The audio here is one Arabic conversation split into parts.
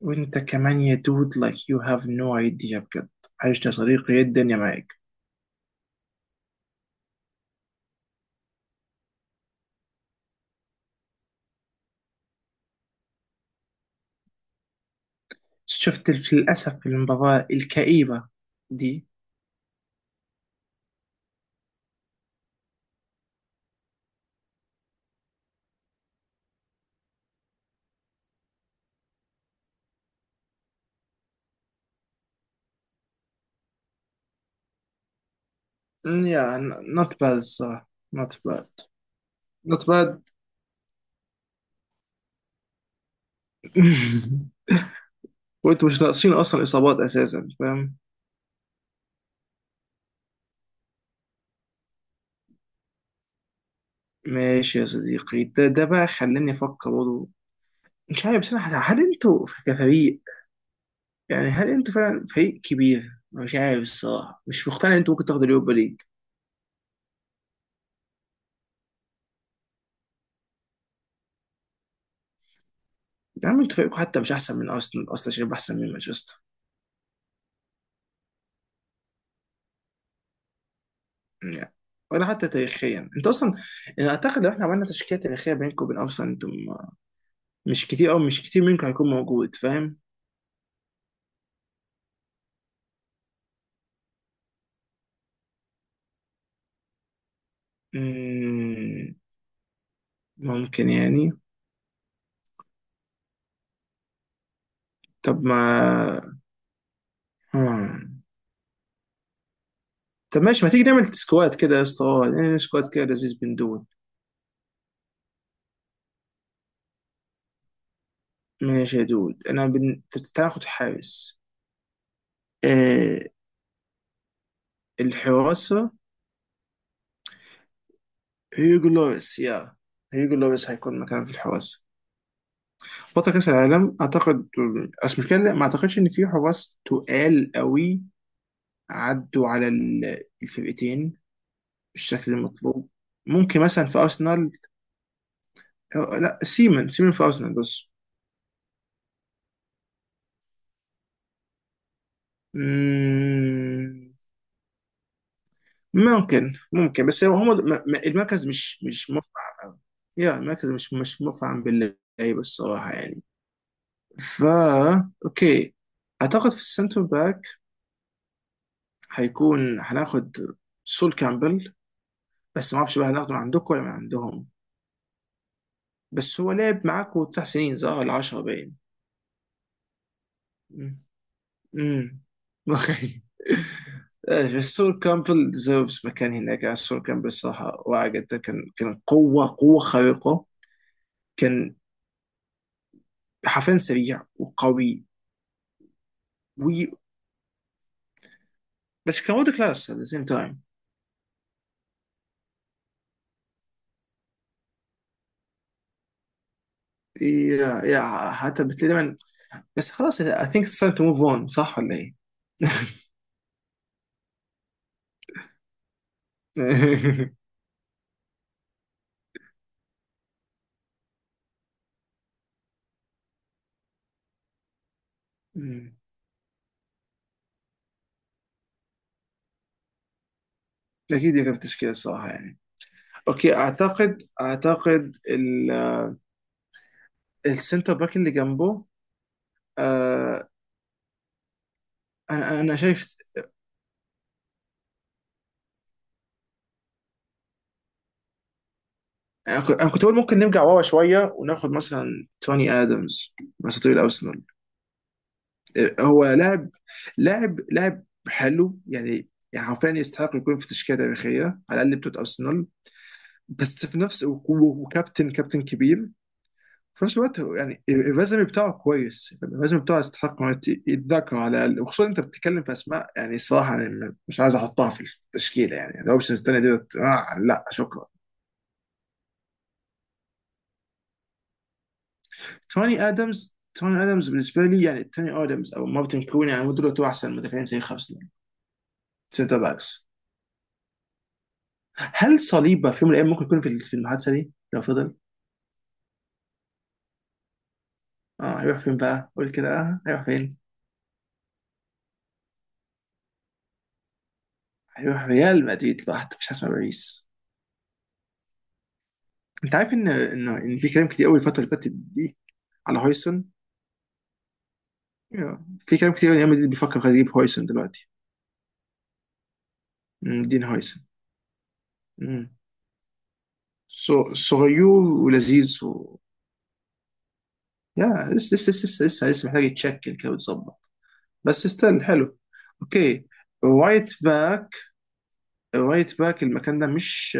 وانت كمان يا دود، like you have no idea بجد. عشت يا صديقي، يا الدنيا معاك. شفت للأسف المباراة الكئيبة دي. Yeah, not bad الصراحة. Not bad. Not bad. وانتوا مش ناقصين أصلا إصابات أساسا، فاهم. ماشي يا صديقي، ده بقى خلاني افكر برضه. مش عارف بصراحه هل انتوا كفريق، يعني هل انتوا فعلا فريق كبير؟ أنا مش عارف الصراحه، مش مقتنع ان انتوا ممكن تاخدوا اليوروبا ليج. يا عم انتوا فريقكم حتى مش احسن من ارسنال اصلا عشان يبقى احسن من مانشستر، يعني. ولا حتى تاريخيا انتوا اصلا، يعني اعتقد لو احنا عملنا تشكيله تاريخيه بينكم وبين ارسنال، انتم مش كتير، او مش كتير منكم هيكون موجود، فاهم. مم، ممكن يعني. طب ما، آه. طب ماشي، ما تيجي نعمل سكواد كده يا اسطى؟ نعمل سكواد كده لذيذ بن دود. ماشي يا دود، انا بن... تاخد حارس. آه، الحراسة. هيجو لوريس، يا هيجو لوريس هيكون مكان في الحراسة، بطل كأس العالم اعتقد. بس مشكلة، لا، ما اعتقدش ان في حراس تقال قوي عدوا على الفرقتين بالشكل المطلوب. ممكن مثلا في ارسنال. آه، لا سيمن، سيمن في ارسنال بس. مم. ممكن، ممكن، بس هو هم المركز مش مفعم. أوي. يا المركز مش مفعم باللعيبه الصراحه، يعني. فا اوكي. اعتقد في السنتر باك هيكون هناخد سول كامبل، بس ما اعرفش بقى هناخده من عندكم ولا من عندهم. بس هو لعب معاكم تسع سنين، صح ولا 10، باين. امم. أمم. اوكي. آه، سول كامبل ديزيرفز مكان هناك. آه، سول كامبل صراحه واعي جدا، كان كان قوه قوه خارقه، كان حرفيا سريع وقوي و... بس كان وورد كلاس ات ذا سيم تايم. يا حتى بتلاقي دايما. بس خلاص، اي ثينك اتس تايم تو موف اون، صح ولا ايه؟ مم. اكيد يقف تشكيله الصراحه، يعني. اوكي، اعتقد السنتر باك اللي جنبه. آه، انا شايف. انا كنت أنا كنت بقول ممكن نرجع ورا شويه وناخد مثلا توني ادمز، مثلا طويل ارسنال. هو لاعب، لاعب حلو يعني حرفيا يستحق يكون في تشكيله تاريخيه على الاقل بتوع ارسنال. بس في نفس، وكابتن كابتن كبير في نفس الوقت. هو يعني الريزومي بتاعه كويس، الريزومي بتاعه يستحق إنه يتذكر على الاقل، وخصوصا انت بتتكلم في اسماء يعني صراحه أنا مش عايز احطها في التشكيله، يعني الاوبشنز الثانيه ديت، آه لا شكرا. توني ادمز بالنسبه لي، يعني توني ادمز او مارتن كلوني، يعني دول احسن مدافعين زي خمسه سنتر باكس. هل صليبه في يوم من الايام ممكن يكون في المحادثه دي لو فضل؟ اه، هيروح فين بقى؟ قول كده، اه هيروح فين؟ هيروح ريال مدريد لوحده، مش هسمع باريس. انت عارف ان ان في كلام كتير قوي الفتره اللي فاتت دي على هويسون. يا، في كلام كتير ان ريال مدريد بيفكر خلاص يجيب هويسون دلوقتي. دين هويسون. مم. صغير ولذيذ و... يا لسه، لسه محتاج يتشكل كده ويتظبط، بس ستيل حلو. اوكي، رايت باك. رايت باك المكان ده مش...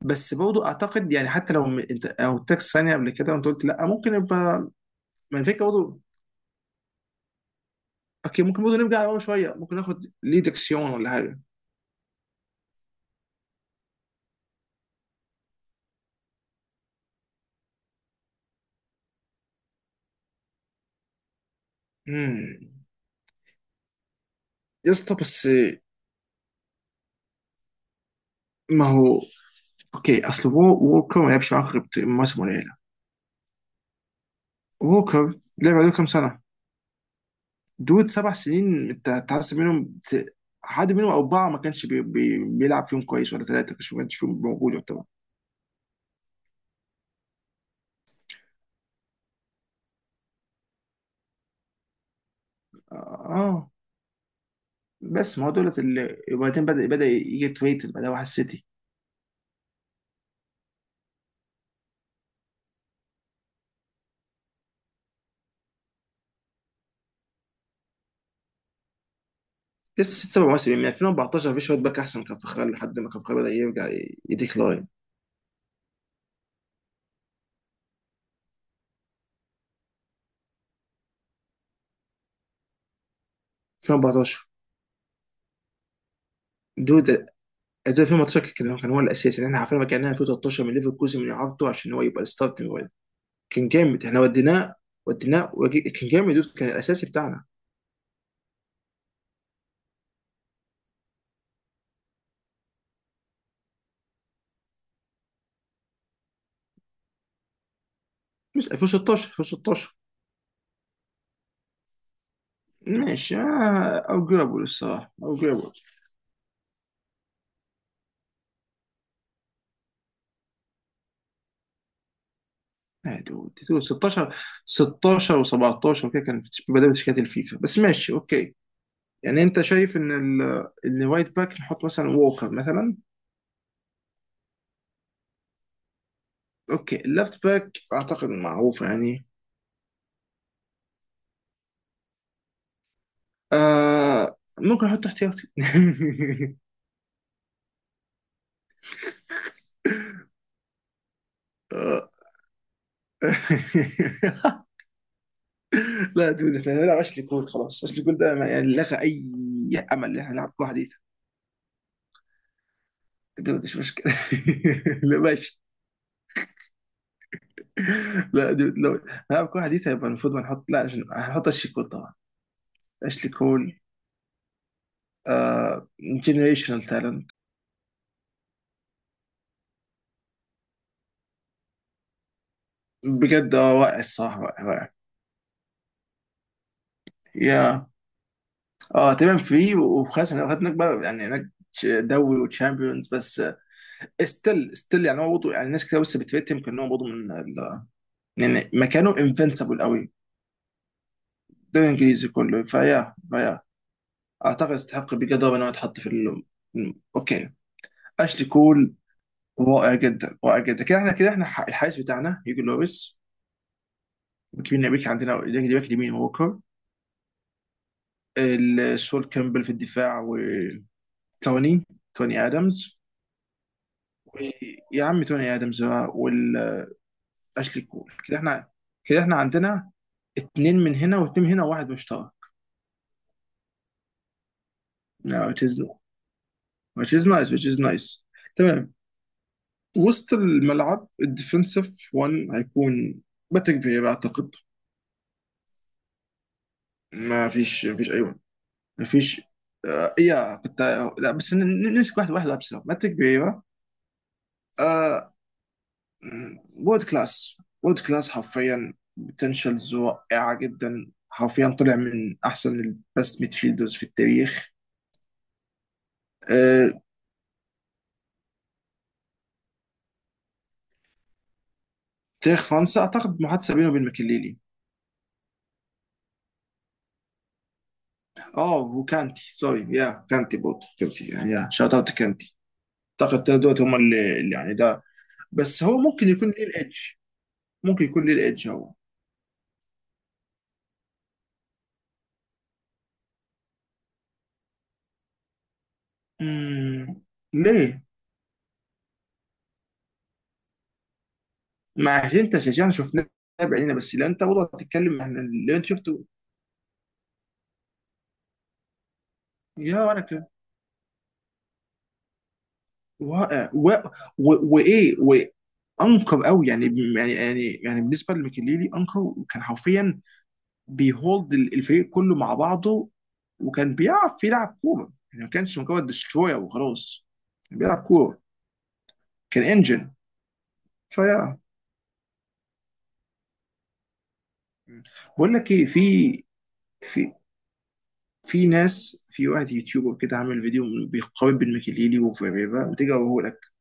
بس برضه اعتقد يعني، حتى لو انت او تاكس ثانيه قبل كده وانت قلت لا ممكن يبقى. ما الفكره برضه. اوكي، ممكن برضه نرجع ورا شويه، ممكن ناخد ليه ديكسيون ولا حاجه. امم. يا اسطى، بس ما هو اوكي. اصل ووكر ما لعبش معاك غير مواسم قليله. ووكر لعب عليه كام سنه؟ دود سبع سنين، انت تحسب منهم حد منهم اربعه ما كانش بي بي بيلعب فيهم كويس، ولا ثلاثه ما كانش فيهم موجود يعتبر. اه. آه. بس ما هو دولت اللي، وبعدين بدا يجي تريتد بعدها واحد سيتي. لسه ست سبع مواسم من 2014 في شويه باك احسن كان فخري، لحد ما كان فخري بدا يرجع يديكلاين. 2014، دود، 2018 كان هو الاساسي، يعني احنا عارفين ما كان 2013 من ليفركوزن من اعارته عشان هو يبقى الستارتنج وين. كان جامد، احنا وديناه، كان جامد دود، كان الاساسي بتاعنا. مش 2016، 2016 ماشي. آه، اوجرابل الصراحه، اوجرابل. آه، دود 16، 16 و17 وكده كان في بدايه شركات الفيفا، بس ماشي اوكي. يعني انت شايف ان ان وايت باك نحط مثلا ووكر مثلا. اوكي، اللفت باك اعتقد معروف يعني. آه، ممكن احط احتياطي. آه. لا دود، احنا هنلعب اشلي كول خلاص، اشلي كول ده يعني لغى اي امل ان احنا نلعب كوره حديثه. دود مش مشكله. لا ماشي. لا دود، لو نلعب كوره حديثه يبقى المفروض ما نحط، لا عشان هنحط اشلي كول طبعا. اشلي كول، آه جنريشنال تالنت. بجد، آه واقع الصراحه، واقع واقع. يا، اه تمام، فيه وخلاص احنا هناك بقى يعني، هناك دوري وتشامبيونز بس. ستيل، ستيل يعني هو برضه، يعني ناس كتير لسه بتفتهم، كان هو برضه من يعني مكانه انفنسبل قوي، ده الانجليزي كله. فيا، فيا اعتقد يستحق بجد ان هو يتحط في ال... اوكي، اشلي كول. رائع جدا، رائع جدا. كده احنا، الحارس بتاعنا هيجو لوبيس وكيفن نبيك، عندنا الباك، اليمين ووكر، سول كامبل في الدفاع، وتوني، ادمز. يا عم توني ادمز بقى، اشلي كول. كده احنا، كده احنا عندنا اتنين من هنا واتنين من هنا وواحد مشترك. Yeah, which is no, which is nice, which is nice. تمام. وسط الملعب الديفنسيف 1 هيكون باتريك فيرا اعتقد. ما فيش اي ون، ما فيش. آه، إيه يا كنت. لا بس نمسك واحد واحد، لابس باتريك فيرا. آه، وورد كلاس، وورد كلاس حرفيا. بوتنشالز رائعه جدا، حرفيا طلع من احسن البست ميدفيلدرز في التاريخ. آه، تاريخ فرنسا اعتقد محادثه بينه وبين ماكليلي. اه وكانتي، سوري يا كانتي، برضه كانتي يعني، يا شوت اوت كانتي. اعتقد التلاتة دول هم اللي، يعني ده، بس هو ممكن يكون ليه الايدج. ممكن يكون ليه الايدج هو. مم. ليه؟ ما عشان انت شجعنا، شفناه بعينينا، بس لو انت برضه هتتكلم عن اللي انت شفته. يا، وانا كده. واقع و... و... وايه، وانكر قوي يعني بالنسبه لميكيليلي، انكر كان حرفيا بيهولد الفريق كله مع بعضه، وكان بيعرف يلعب كوره يعني، ما كانش مجرد دستروير وخلاص، كان بيلعب كوره، كان انجن. فيا. بقول لك ايه، في في ناس، في واحد يوتيوبر كده عامل فيديو بيقارن بين ميكيليلي وفيريرا، بتيجي اقول لك.